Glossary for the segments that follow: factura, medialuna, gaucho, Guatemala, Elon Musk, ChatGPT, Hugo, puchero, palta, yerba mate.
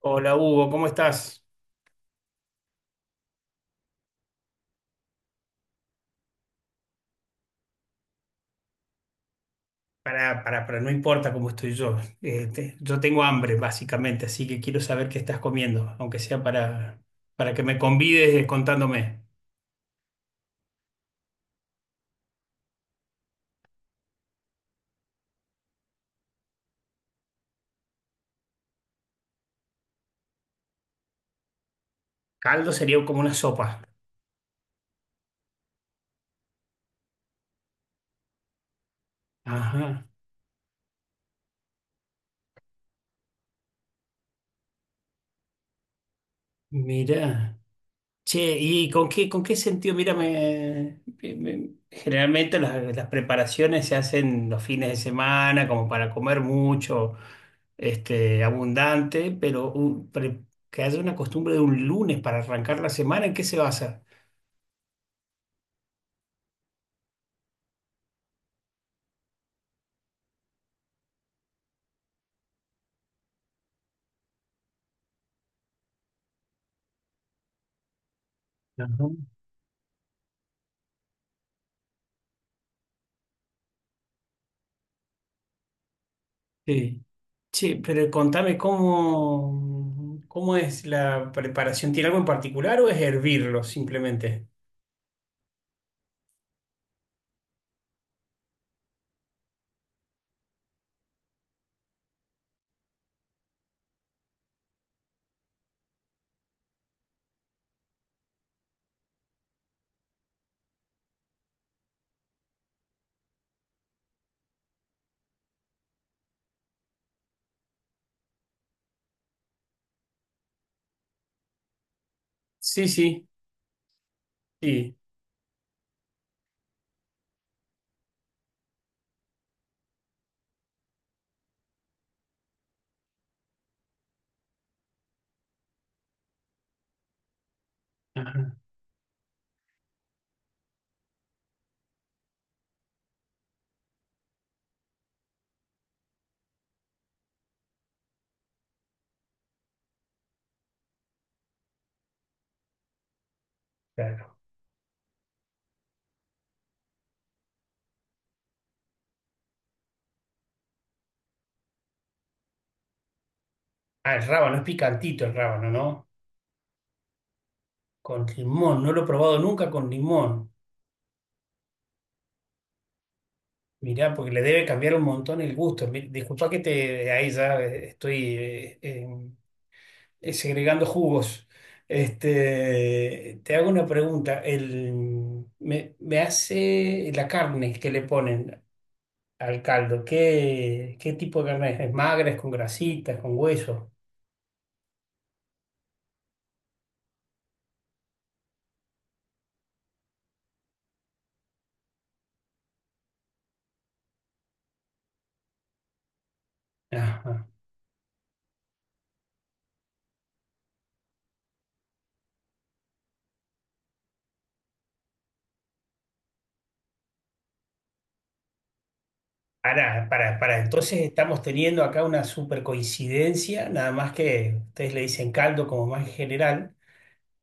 Hola Hugo, ¿cómo estás? Para, no importa cómo estoy yo. Yo tengo hambre, básicamente, así que quiero saber qué estás comiendo, aunque sea para que me convides contándome. Caldo sería como una sopa. Ajá, mira. Che, ¿y con qué sentido? Mira, generalmente las preparaciones se hacen los fines de semana, como para comer mucho. Este, abundante, pero, que haya una costumbre de un lunes para arrancar la semana, ¿en qué se basa? Ajá. Sí. Che, pero contame cómo es la preparación. ¿Tiene algo en particular o es hervirlo simplemente? Sí, sí, sí. Ajá. Claro. Ah, el rábano, es picantito el rábano, ¿no? Con limón, no lo he probado nunca con limón. Mirá, porque le debe cambiar un montón el gusto. Disculpa que te ahí ya estoy segregando jugos. Este, te hago una pregunta. Me hace la carne que le ponen al caldo. ¿Qué tipo de carne es? ¿Es magra? ¿Es con grasitas? ¿Con hueso? Ajá. Pará, pará, pará. Entonces estamos teniendo acá una super coincidencia, nada más que ustedes le dicen caldo como más en general,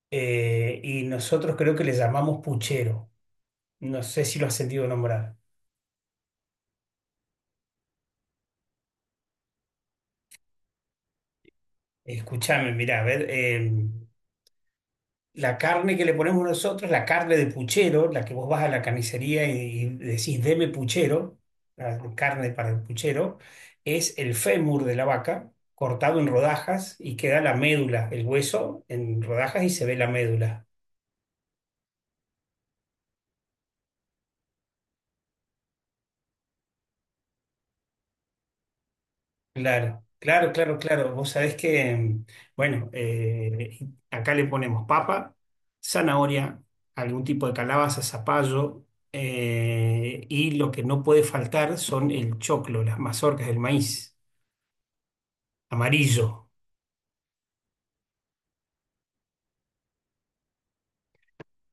y nosotros creo que le llamamos puchero. No sé si lo has sentido nombrar. Escúchame, mirá, a ver. La carne que le ponemos nosotros, la carne de puchero, la que vos vas a la carnicería y decís, deme puchero, la carne para el puchero, es el fémur de la vaca cortado en rodajas y queda la médula, el hueso en rodajas y se ve la médula. Claro, claro, claro, claro. Vos sabés que, bueno, acá le ponemos papa, zanahoria, algún tipo de calabaza, zapallo, y lo que no puede faltar son el choclo, las mazorcas del maíz amarillo.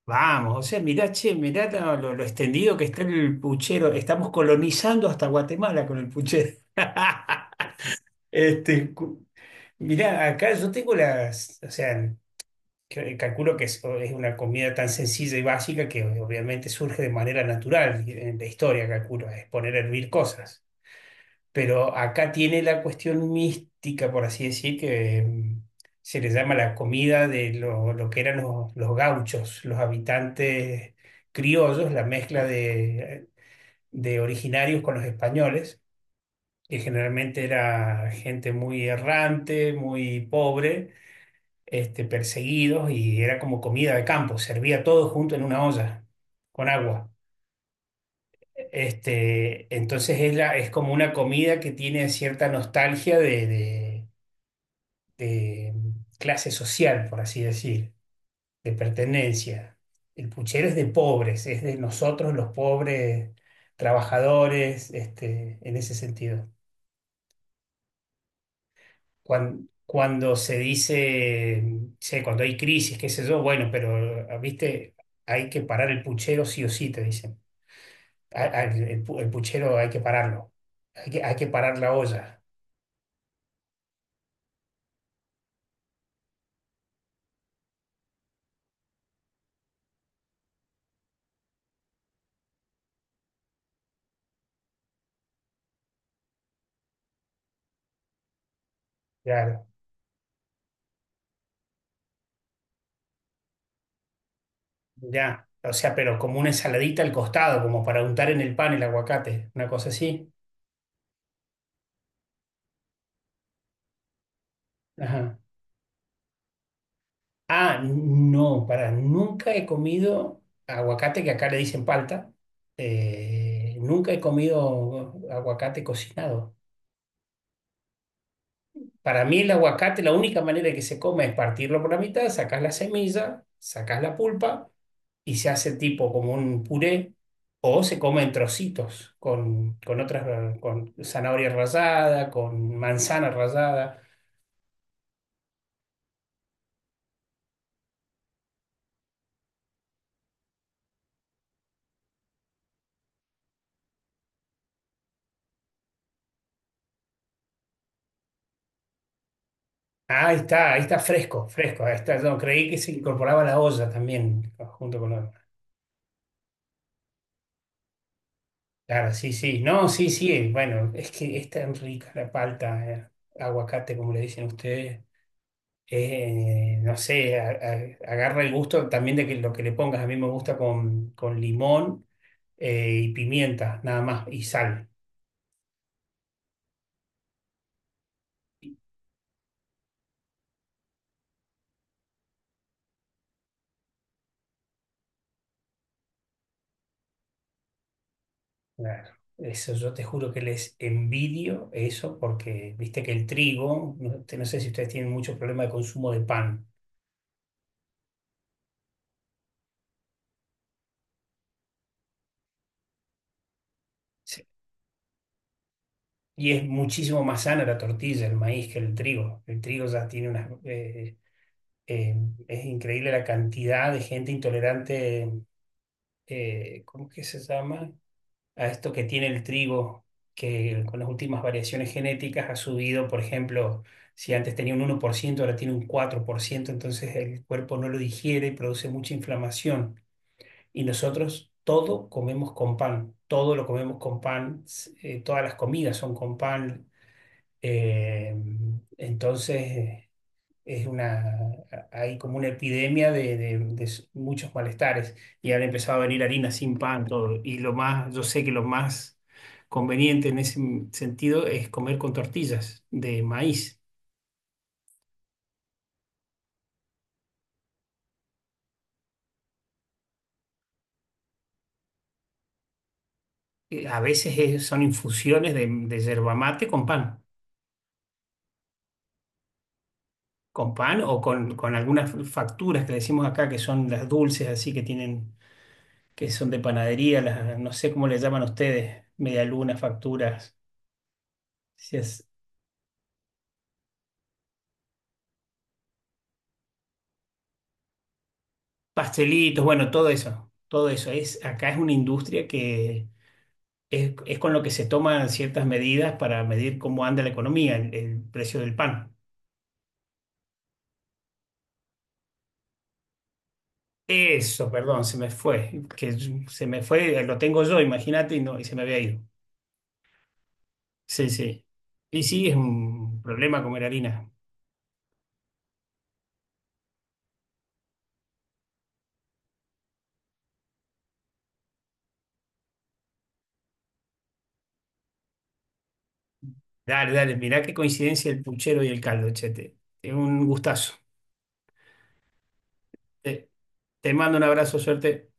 Vamos, o sea, mirá, che, mirá lo extendido que está el puchero. Estamos colonizando hasta Guatemala con el puchero. Este, cu- Mirá, acá yo tengo las, o sea, que- calculo que es una comida tan sencilla y básica que obviamente surge de manera natural en la historia, calculo, es poner a hervir cosas. Pero acá tiene la cuestión mística, por así decir, que se le llama la comida de lo que eran los gauchos, los habitantes criollos, la mezcla de, originarios con los españoles, que generalmente era gente muy errante, muy pobre, perseguidos, y era como comida de campo, servía todo junto en una olla con agua. Este, entonces es, la- es como una comida que tiene cierta nostalgia de clase social, por así decir, de pertenencia. El puchero es de pobres, es de nosotros los pobres trabajadores, en ese sentido. Cuando se dice, che, cuando hay crisis, qué sé yo, bueno, pero, ah, viste, hay que parar el puchero sí o sí, te dicen. El el puchero hay que pararlo, hay que parar la olla, claro, ya. O sea, pero como una ensaladita al costado, como para untar en el pan el aguacate, una cosa así. Ajá. Ah, no, para, nunca he comido aguacate, que acá le dicen palta. Nunca he comido aguacate cocinado. Para mí el aguacate, la única manera de que se come es partirlo por la mitad, sacas la semilla, sacas la pulpa y se hace tipo como un puré, o se come en trocitos con otras, con zanahoria rallada, con manzana rallada. Ah, ahí está fresco, fresco. Ahí está, yo creí que se incorporaba a la olla también junto con la... Claro, sí, sí. No, sí, sí. Bueno, es que es tan rica la palta, aguacate, como le dicen ustedes. No sé, agarra el gusto también de que lo que le pongas. A mí me gusta con limón, y pimienta, nada más, y sal. Claro. Eso yo te juro que les envidio eso porque viste que el trigo, no, te- no sé si ustedes tienen mucho problema de consumo de pan. Sí. Y es muchísimo más sana la tortilla, el maíz que el trigo. El trigo ya tiene unas... eh, es increíble la cantidad de gente intolerante, ¿cómo que se llama? A esto que tiene el trigo, que con las últimas variaciones genéticas ha subido, por ejemplo, si antes tenía un 1%, ahora tiene un 4%, entonces el cuerpo no lo digiere y produce mucha inflamación. Y nosotros todo comemos con pan, todo lo comemos con pan, todas las comidas son con pan. eh, entonces es una, hay como una epidemia de, de muchos malestares, y han empezado a venir harinas sin pan, todo. Y lo más, yo sé que lo más conveniente en ese sentido es comer con tortillas de maíz. A veces son infusiones de, yerba mate con pan o con algunas facturas que le decimos acá que son las dulces así que tienen, que son de panadería, las, no sé cómo le llaman ustedes, medialunas, facturas. Si es- Pastelitos, bueno, todo eso, todo eso. Es, acá es una industria que es con lo que se toman ciertas medidas para medir cómo anda la economía, el precio del pan. Eso, perdón, se me fue, que se me fue, lo tengo yo, imagínate, y no, y se me había ido. Sí, sí. Y sí, es un problema comer harina. Dale, dale, mirá qué coincidencia el puchero y el caldo, chete. Es un gustazo. Te, te mando un abrazo, suerte.